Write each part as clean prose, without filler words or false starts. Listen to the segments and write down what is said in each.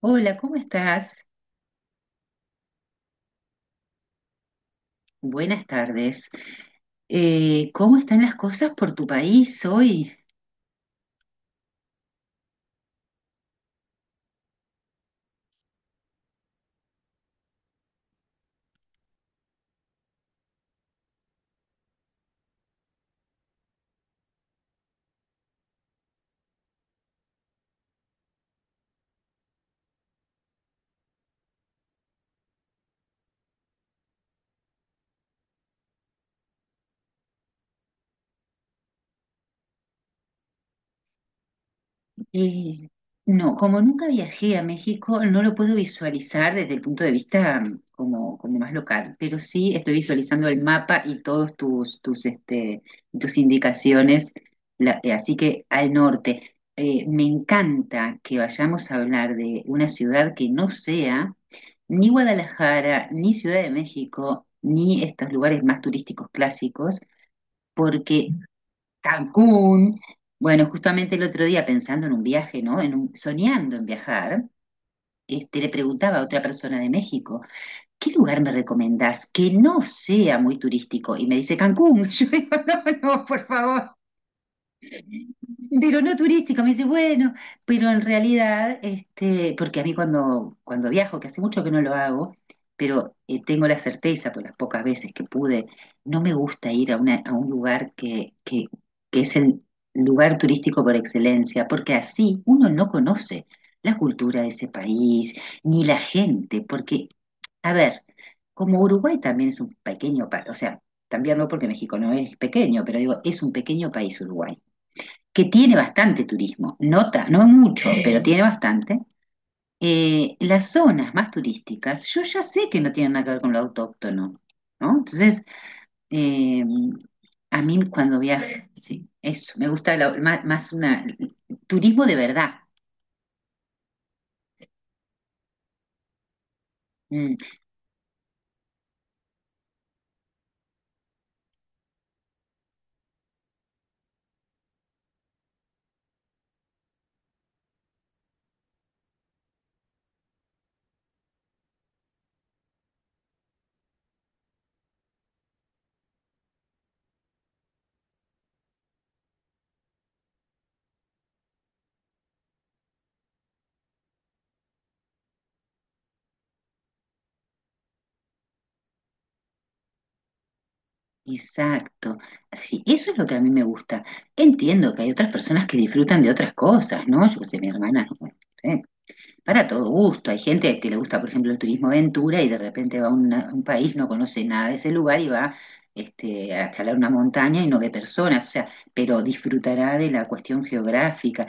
Hola, ¿cómo estás? Buenas tardes. ¿Cómo están las cosas por tu país hoy? Y no, como nunca viajé a México, no lo puedo visualizar desde el punto de vista como más local, pero sí estoy visualizando el mapa y todos tus indicaciones, así que al norte. Me encanta que vayamos a hablar de una ciudad que no sea ni Guadalajara, ni Ciudad de México, ni estos lugares más turísticos clásicos, porque Cancún. Bueno, justamente el otro día pensando en un viaje, ¿no? Soñando en viajar, le preguntaba a otra persona de México: ¿qué lugar me recomendás que no sea muy turístico? Y me dice Cancún. Yo digo: no, no, por favor, pero no turística. Me dice, bueno, pero en realidad, porque a mí cuando viajo, que hace mucho que no lo hago, pero tengo la certeza por las pocas veces que pude. No me gusta ir a un lugar que es el lugar turístico por excelencia, porque así uno no conoce la cultura de ese país, ni la gente, porque, a ver, como Uruguay también es un pequeño país. O sea, también no porque México no es pequeño, pero digo, es un pequeño país Uruguay, que tiene bastante turismo. No, no mucho, pero tiene bastante. Las zonas más turísticas, yo ya sé que no tienen nada que ver con lo autóctono, ¿no? Entonces, eh, a mí cuando viajo, sí, eso, me gusta más turismo de verdad. Mm, exacto. Sí, eso es lo que a mí me gusta. Entiendo que hay otras personas que disfrutan de otras cosas, ¿no? Yo qué sé, mi hermana, no sé, para todo gusto. Hay gente que le gusta, por ejemplo, el turismo aventura, y de repente va a un país, no conoce nada de ese lugar y va, a escalar una montaña y no ve personas, o sea, pero disfrutará de la cuestión geográfica.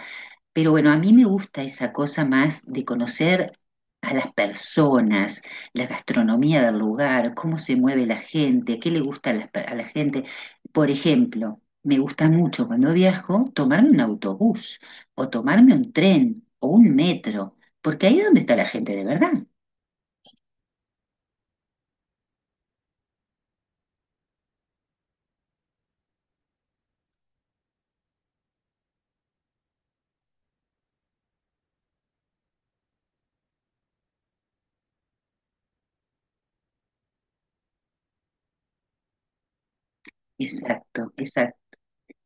Pero bueno, a mí me gusta esa cosa más de conocer a las personas, la gastronomía del lugar, cómo se mueve la gente, qué le gusta a la gente. Por ejemplo, me gusta mucho cuando viajo tomarme un autobús, o tomarme un tren o un metro, porque ahí es donde está la gente de verdad. Exacto, exacto.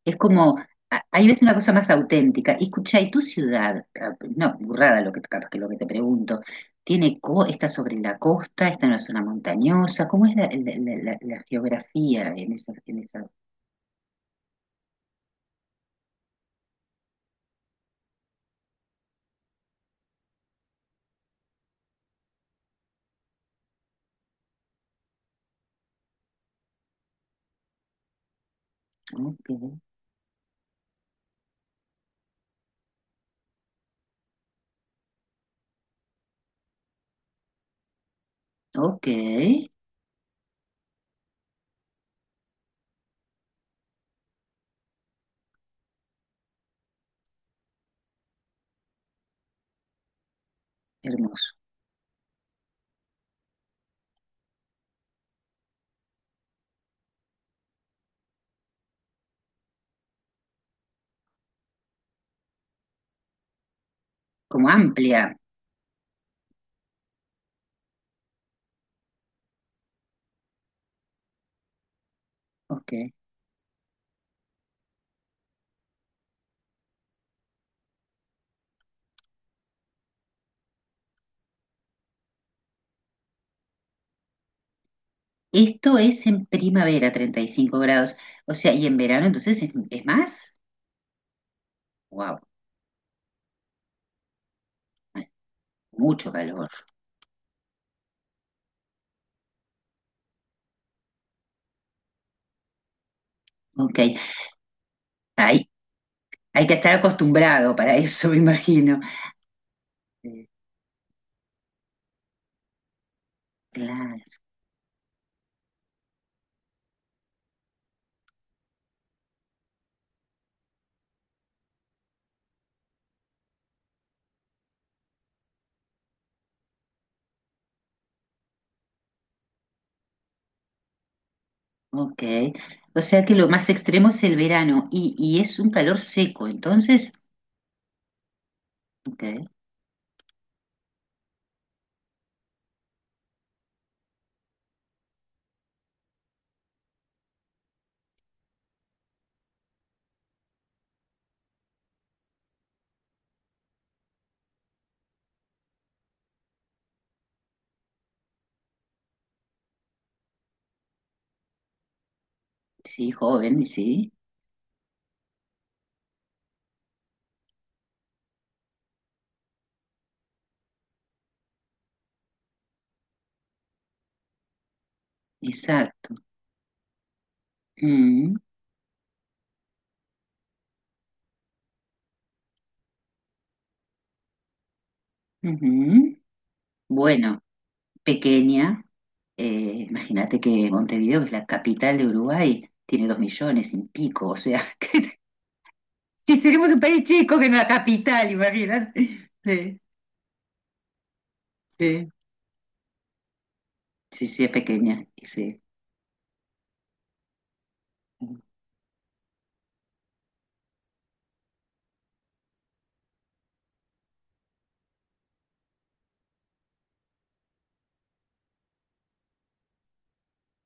Es como, ahí ves una cosa más auténtica. Y escucha, ¿y tu ciudad? Ah, no, burrada lo que, capaz que lo que te pregunto. ¿Tiene está sobre la costa? ¿Está en una zona montañosa? ¿Cómo es la geografía en esa? Ok, ok, hermoso. Como amplia. Ok. Esto es en primavera, 35 grados. O sea, y en verano entonces es más. Wow, mucho calor. Ok. Hay, hay que estar acostumbrado para eso, me imagino. Eh, Claro, ok. O sea que lo más extremo es el verano, y es un calor seco, entonces, ok, sí, joven, sí, exacto. Mm, ujú. Bueno, pequeña, imagínate que Montevideo, que es la capital de Uruguay, tiene 2 millones y pico. O sea, que, si seremos un país chico que no la capital, imagínate. Sí, sí, sí, sí, es pequeña, sí.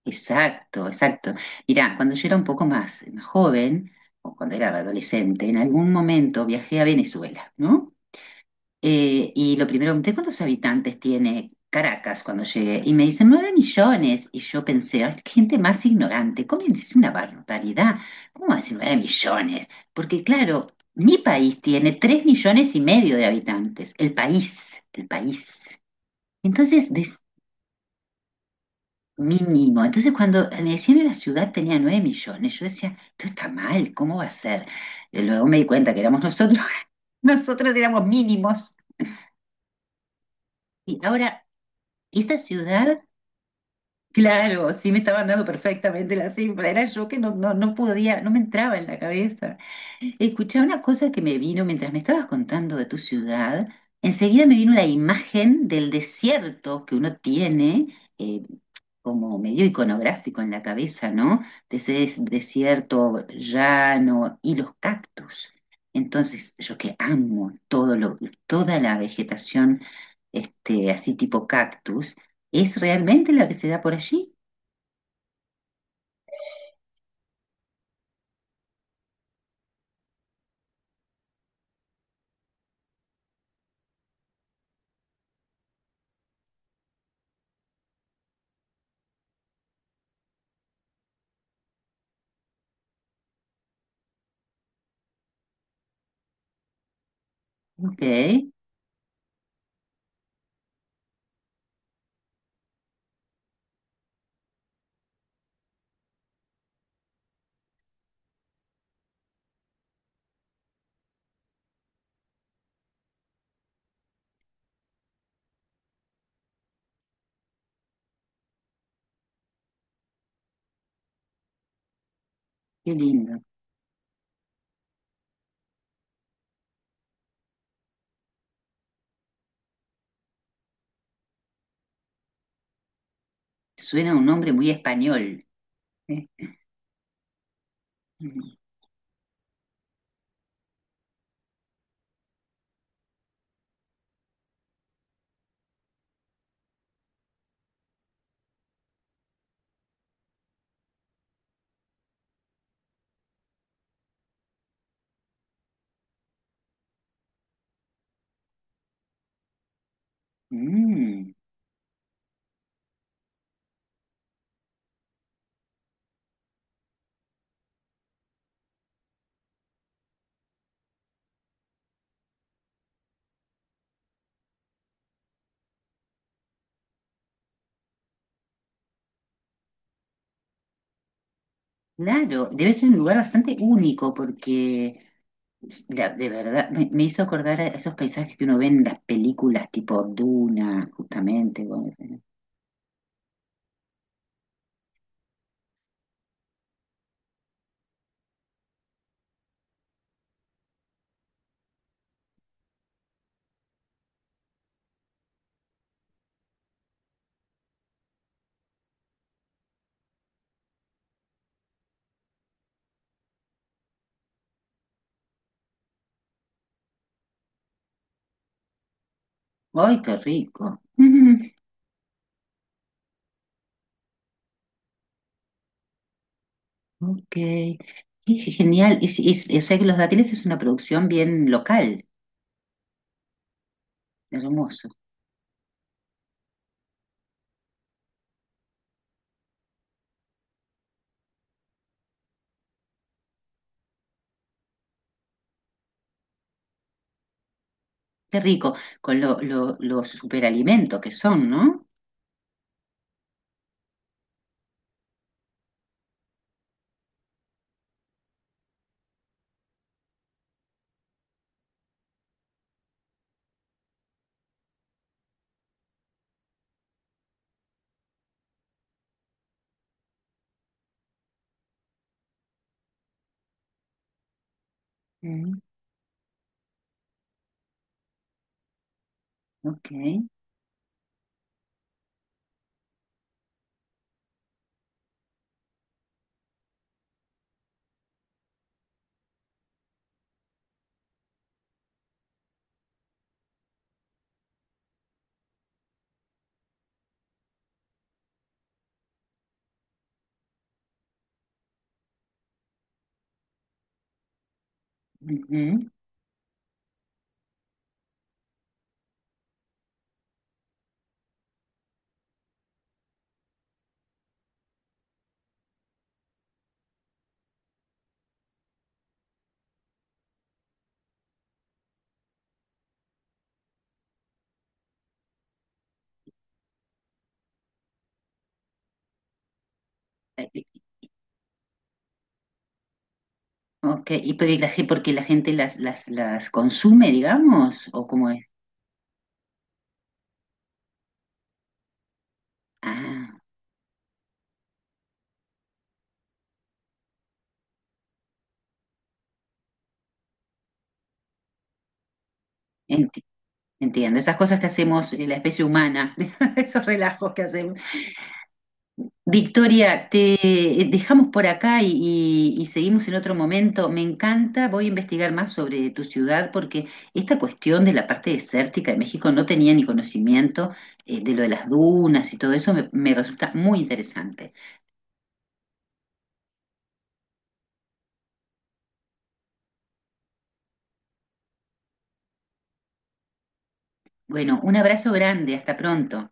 Exacto, exacto. Mirá, cuando yo era un poco más joven, o cuando era adolescente, en algún momento viajé a Venezuela, ¿no? Y lo primero, pregunté cuántos habitantes tiene Caracas cuando llegué. Y me dicen 9 millones. Y yo pensé: "Ay, qué gente más ignorante, ¿cómo es una barbaridad? ¿Cómo va a decir 9 millones?" Porque claro, mi país tiene 3,5 millones de habitantes. El país, el país. Entonces, mínimo. Entonces, cuando me decían en la ciudad tenía 9 millones, yo decía: esto está mal, ¿cómo va a ser? Y luego me di cuenta que éramos nosotros, nosotros éramos mínimos. Y ahora, esta ciudad, claro, sí me estaban dando perfectamente la cifra. Era yo que no, no, no podía, no me entraba en la cabeza. Escuché una cosa que me vino mientras me estabas contando de tu ciudad: enseguida me vino la imagen del desierto que uno tiene, eh, como medio iconográfico en la cabeza, ¿no? De ese desierto llano y los cactus. Entonces, yo que amo toda la vegetación, así tipo cactus, es realmente la que se da por allí. Ok, qué lindo. Suena un nombre muy español. ¿Eh? Mm, mm, claro, debe ser un lugar bastante único porque, de verdad, me hizo acordar a esos paisajes que uno ve en las películas tipo Duna, justamente. Bueno. ¡Ay, qué rico! Mm, ok, qué genial. O sea que los dátiles es una producción bien local, hermoso. Qué rico, con los superalimento que son, ¿no? Mm, ok. Ujú. Eh, eh, Ok, pero ¿ porque la gente las consume, digamos? ¿O cómo es? Ah, entiendo. Esas cosas que hacemos, la especie humana, esos relajos que hacemos. Victoria, te dejamos por acá y seguimos en otro momento. Me encanta, voy a investigar más sobre tu ciudad, porque esta cuestión de la parte desértica de México no tenía ni conocimiento, de lo de las dunas, y todo eso me resulta muy interesante. Bueno, un abrazo grande, hasta pronto.